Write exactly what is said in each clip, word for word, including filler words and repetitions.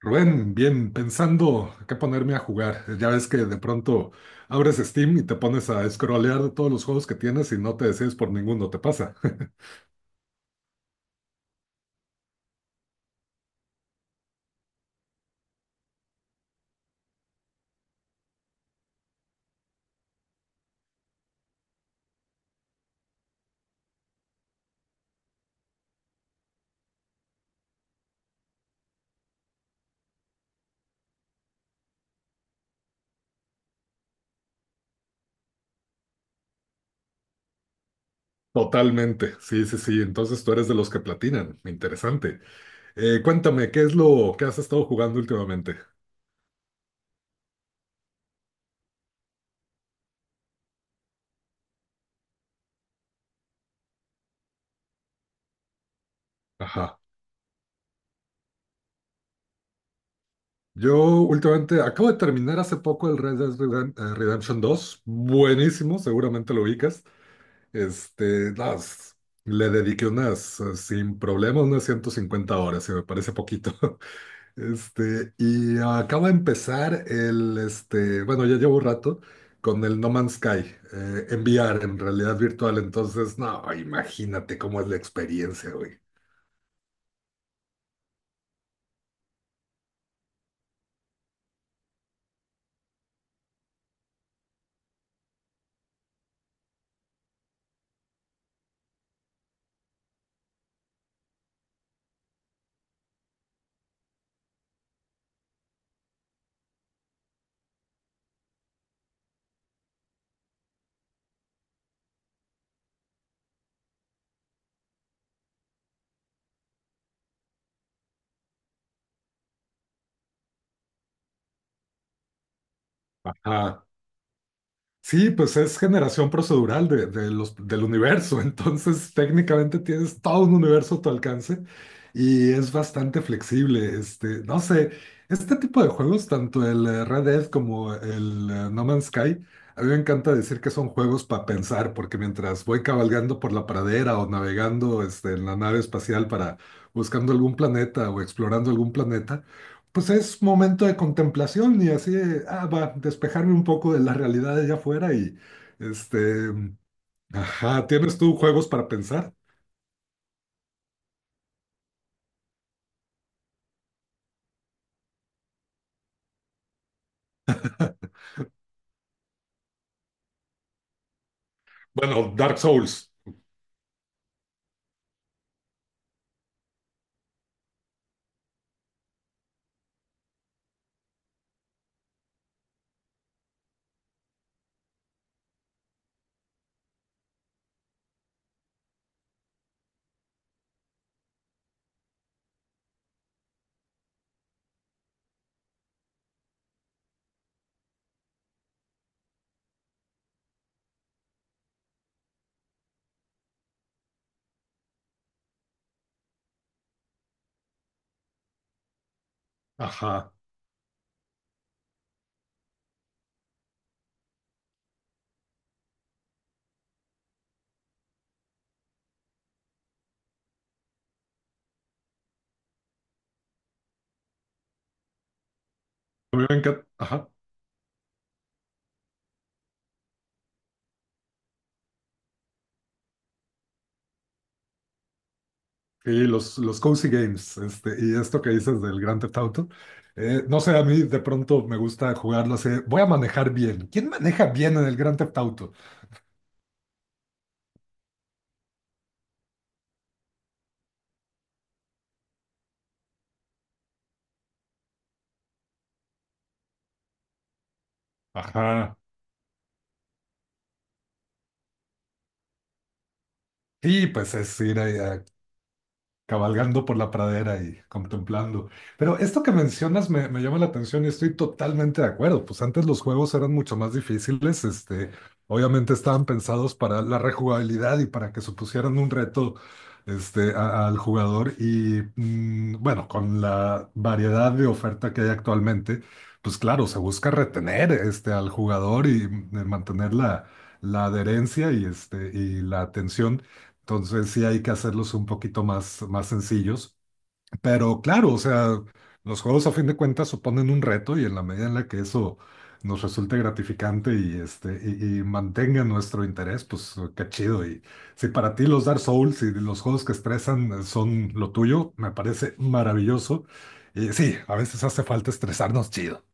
Rubén, bien, pensando qué ponerme a jugar. Ya ves que de pronto abres Steam y te pones a scrollear de todos los juegos que tienes y no te decides por ninguno, ¿te pasa? Totalmente, sí, sí, sí. Entonces tú eres de los que platinan. Interesante. Eh, cuéntame, ¿qué es lo que has estado jugando últimamente? Ajá. Yo últimamente acabo de terminar hace poco el Red Dead Redem- eh, Redemption dos. Buenísimo, seguramente lo ubicas. Este, las, Le dediqué unas, eh, sin problema, unas ciento cincuenta horas, si me parece poquito. Este, y acabo de empezar el, este, bueno, ya llevo un rato con el No Man's Sky, eh, en VR, en realidad virtual. Entonces, no, imagínate cómo es la experiencia, güey. Ajá. Sí, pues es generación procedural de, de los, del universo, entonces técnicamente tienes todo un universo a tu alcance y es bastante flexible. Este, no sé, este tipo de juegos, tanto el eh, Red Dead como el eh, No Man's Sky, a mí me encanta decir que son juegos para pensar, porque mientras voy cabalgando por la pradera o navegando este, en la nave espacial para buscando algún planeta o explorando algún planeta, pues es momento de contemplación y así, ah, va, despejarme un poco de la realidad de allá afuera y, este, ajá, ¿tienes tú juegos para pensar? Bueno, Dark Souls, ajá, a mí me encanta, ajá, y los, los cozy games, este, y esto que dices del Grand Theft Auto, eh, no sé, a mí de pronto me gusta jugarlo así, voy a manejar bien, ¿quién maneja bien en el Grand Theft Auto? Ajá, y pues es ir a, cabalgando por la pradera y contemplando. Pero esto que mencionas me, me llama la atención y estoy totalmente de acuerdo. Pues antes los juegos eran mucho más difíciles, este, obviamente estaban pensados para la rejugabilidad y para que supusieran un reto, este, a- al jugador y mm, bueno, con la variedad de oferta que hay actualmente, pues claro, se busca retener, este, al jugador y mm, mantener la, la adherencia y, este, y, la atención entonces sí hay que hacerlos un poquito más, más sencillos. Pero claro, o sea, los juegos a fin de cuentas suponen un reto y en la medida en la que eso nos resulte gratificante y, este, y, y mantenga nuestro interés, pues qué chido. Y si para ti los Dark Souls y los juegos que estresan eh, son lo tuyo, me parece maravilloso. Y sí, a veces hace falta estresarnos chido.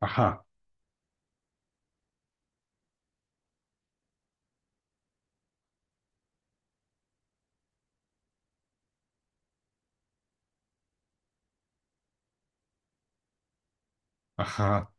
Ajá, ajá,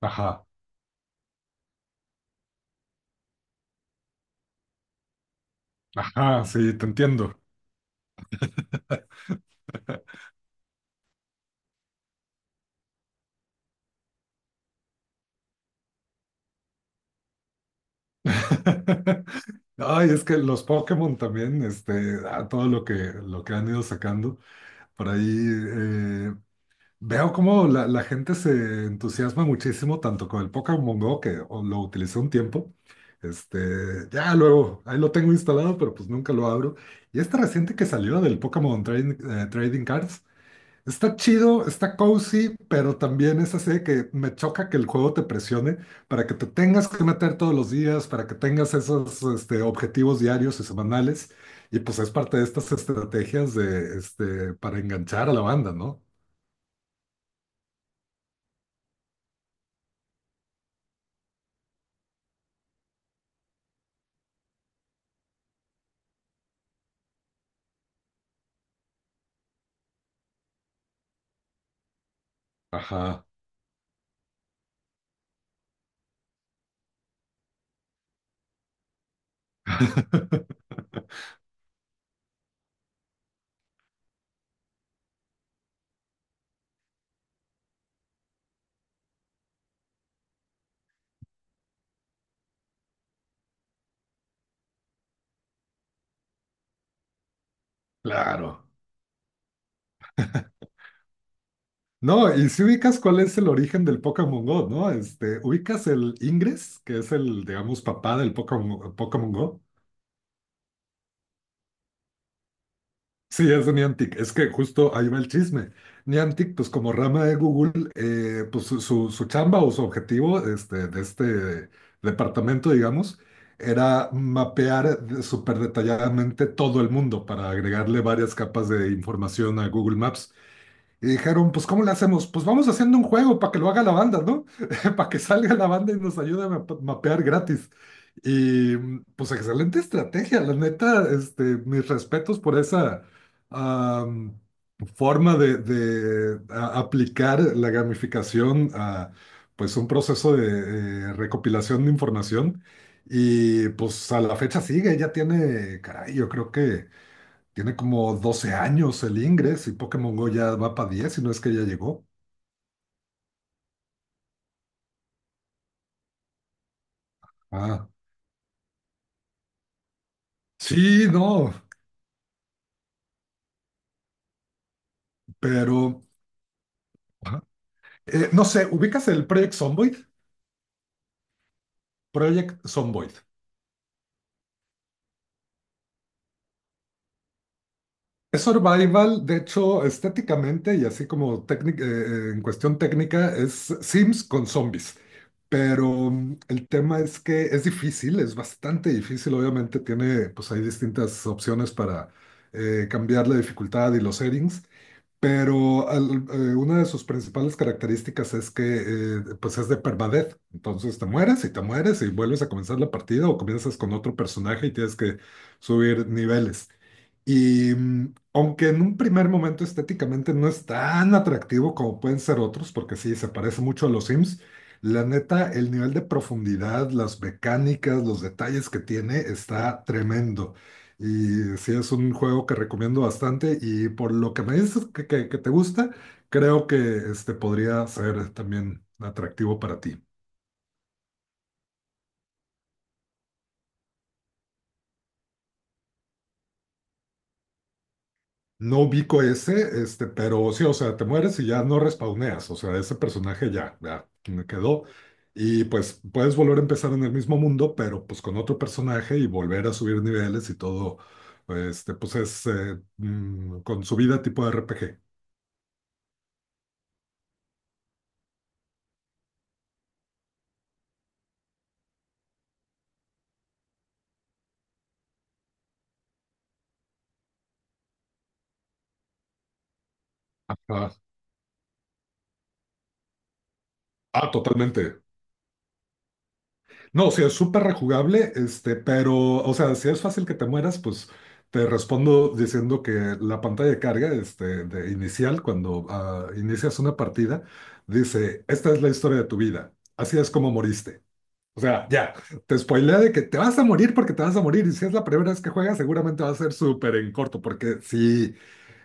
ajá, ajá, sí, te entiendo. Ay, es que los Pokémon también, este, a todo lo que, lo que han ido sacando por ahí, eh, veo cómo la, la gente se entusiasma muchísimo tanto con el Pokémon Go, que o- lo utilicé un tiempo, este, ya luego, ahí lo tengo instalado, pero pues nunca lo abro. Y este reciente que salió del Pokémon Trading, eh, Trading Cards, está chido, está cozy, pero también es así de que me choca que el juego te presione para que te tengas que meter todos los días, para que tengas esos este, objetivos diarios y semanales. Y pues es parte de estas estrategias de, este, para enganchar a la banda, ¿no? Ajá. Claro. No, y si ubicas cuál es el origen del Pokémon Go, ¿no? Este, ubicas el Ingress, que es el, digamos, papá del Pokémon, Pokémon Go. Sí, es de Niantic. Es que justo ahí va el chisme. Niantic, pues como rama de Google, eh, pues su, su- su chamba o su objetivo este, de este departamento, digamos, era mapear de- súper detalladamente todo el mundo para agregarle varias capas de información a Google Maps. Y dijeron, pues ¿cómo le hacemos? Pues vamos haciendo un juego para que lo haga la banda, ¿no? Para que salga la banda y nos ayude a map- mapear gratis. Y mm, pues excelente estrategia, la neta, este, mis respetos por esa am, forma de, de, a- aplicar la gamificación a pues un proceso de eh, recopilación de información. Y pues a la fecha sigue, ya tiene, caray, yo creo que... Tiene como doce años el Ingress y Pokémon Go ya va para diez si no es que ya llegó. Ah, sí, no, pero ajá. Eh, no sé, ¿ubicas el Project Zomboid? Project Zomboid. Es survival, de hecho, estéticamente y así como técnic- eh, eh, en cuestión técnica, es Sims con zombies. Pero mm, el tema es que es difícil, es bastante difícil. Obviamente tiene, pues hay distintas opciones para eh, cambiar la dificultad y los settings. Pero al- eh, una de sus principales características es que eh, pues es de permadeath. Entonces te mueres y te mueres y vuelves a comenzar la partida o comienzas con otro personaje y tienes que subir niveles. Y mm, aunque en un primer momento estéticamente no es tan atractivo como pueden ser otros, porque sí, se parece mucho a los Sims, la neta, el nivel de profundidad, las mecánicas, los detalles que tiene está tremendo. Y sí, es un juego que recomiendo bastante y por lo que me dices que, que- que te gusta, creo que este podría ser también atractivo para ti. No ubico ese, este, pero sí, o sea, te mueres y ya no respawneas, o sea, ese personaje ya, ya me quedó. Y pues puedes volver a empezar en el mismo mundo, pero pues con otro personaje y volver a subir niveles y todo, pues, este, pues es eh, mm, con su vida tipo R P G. Ajá. Ah, totalmente. No, o sea, es súper rejugable, este, pero, o sea, si es fácil que te mueras, pues te respondo diciendo que la pantalla de carga, este, de inicial, cuando ah, inicias una partida, dice, esta es la historia de tu vida, así es como moriste. O sea, ya, te spoilea de que te vas a morir porque te vas a morir, y si es la primera vez que juegas, seguramente va a ser súper en corto, porque sí,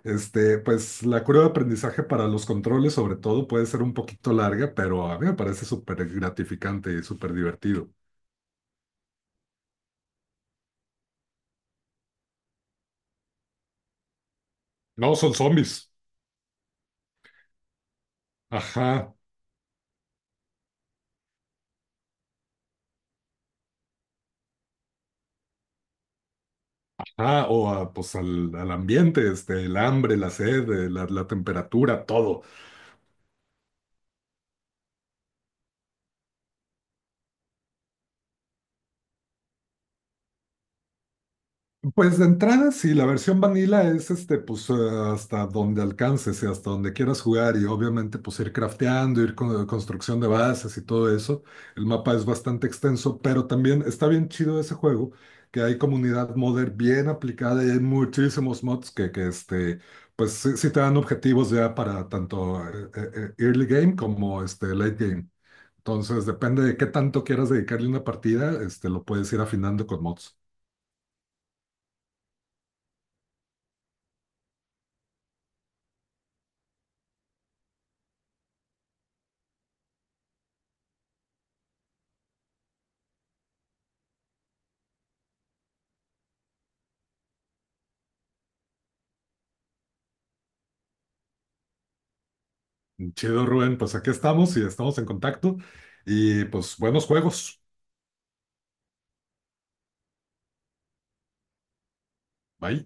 este, pues la curva de aprendizaje para los controles, sobre todo, puede ser un poquito larga, pero a mí me parece súper gratificante y súper divertido. No, son zombies. Ajá, ajá, o a, pues al, al ambiente, este, el hambre, la sed, eh, la, la temperatura, todo. Pues de entrada, sí, la versión vanilla es este, pues eh, hasta donde alcances y hasta donde quieras jugar y obviamente pues ir crafteando, ir con construcción de bases y todo eso. El mapa es bastante extenso, pero también está bien chido ese juego, que hay comunidad modder bien aplicada y hay muchísimos mods que, que este, pues sí, sí te dan objetivos ya para tanto eh, eh, eh, early game como este, late game. Entonces, depende de qué tanto quieras dedicarle una partida, este, lo puedes ir afinando con mods. Chido, Rubén. Pues aquí estamos y estamos en contacto. Y pues buenos juegos. Bye.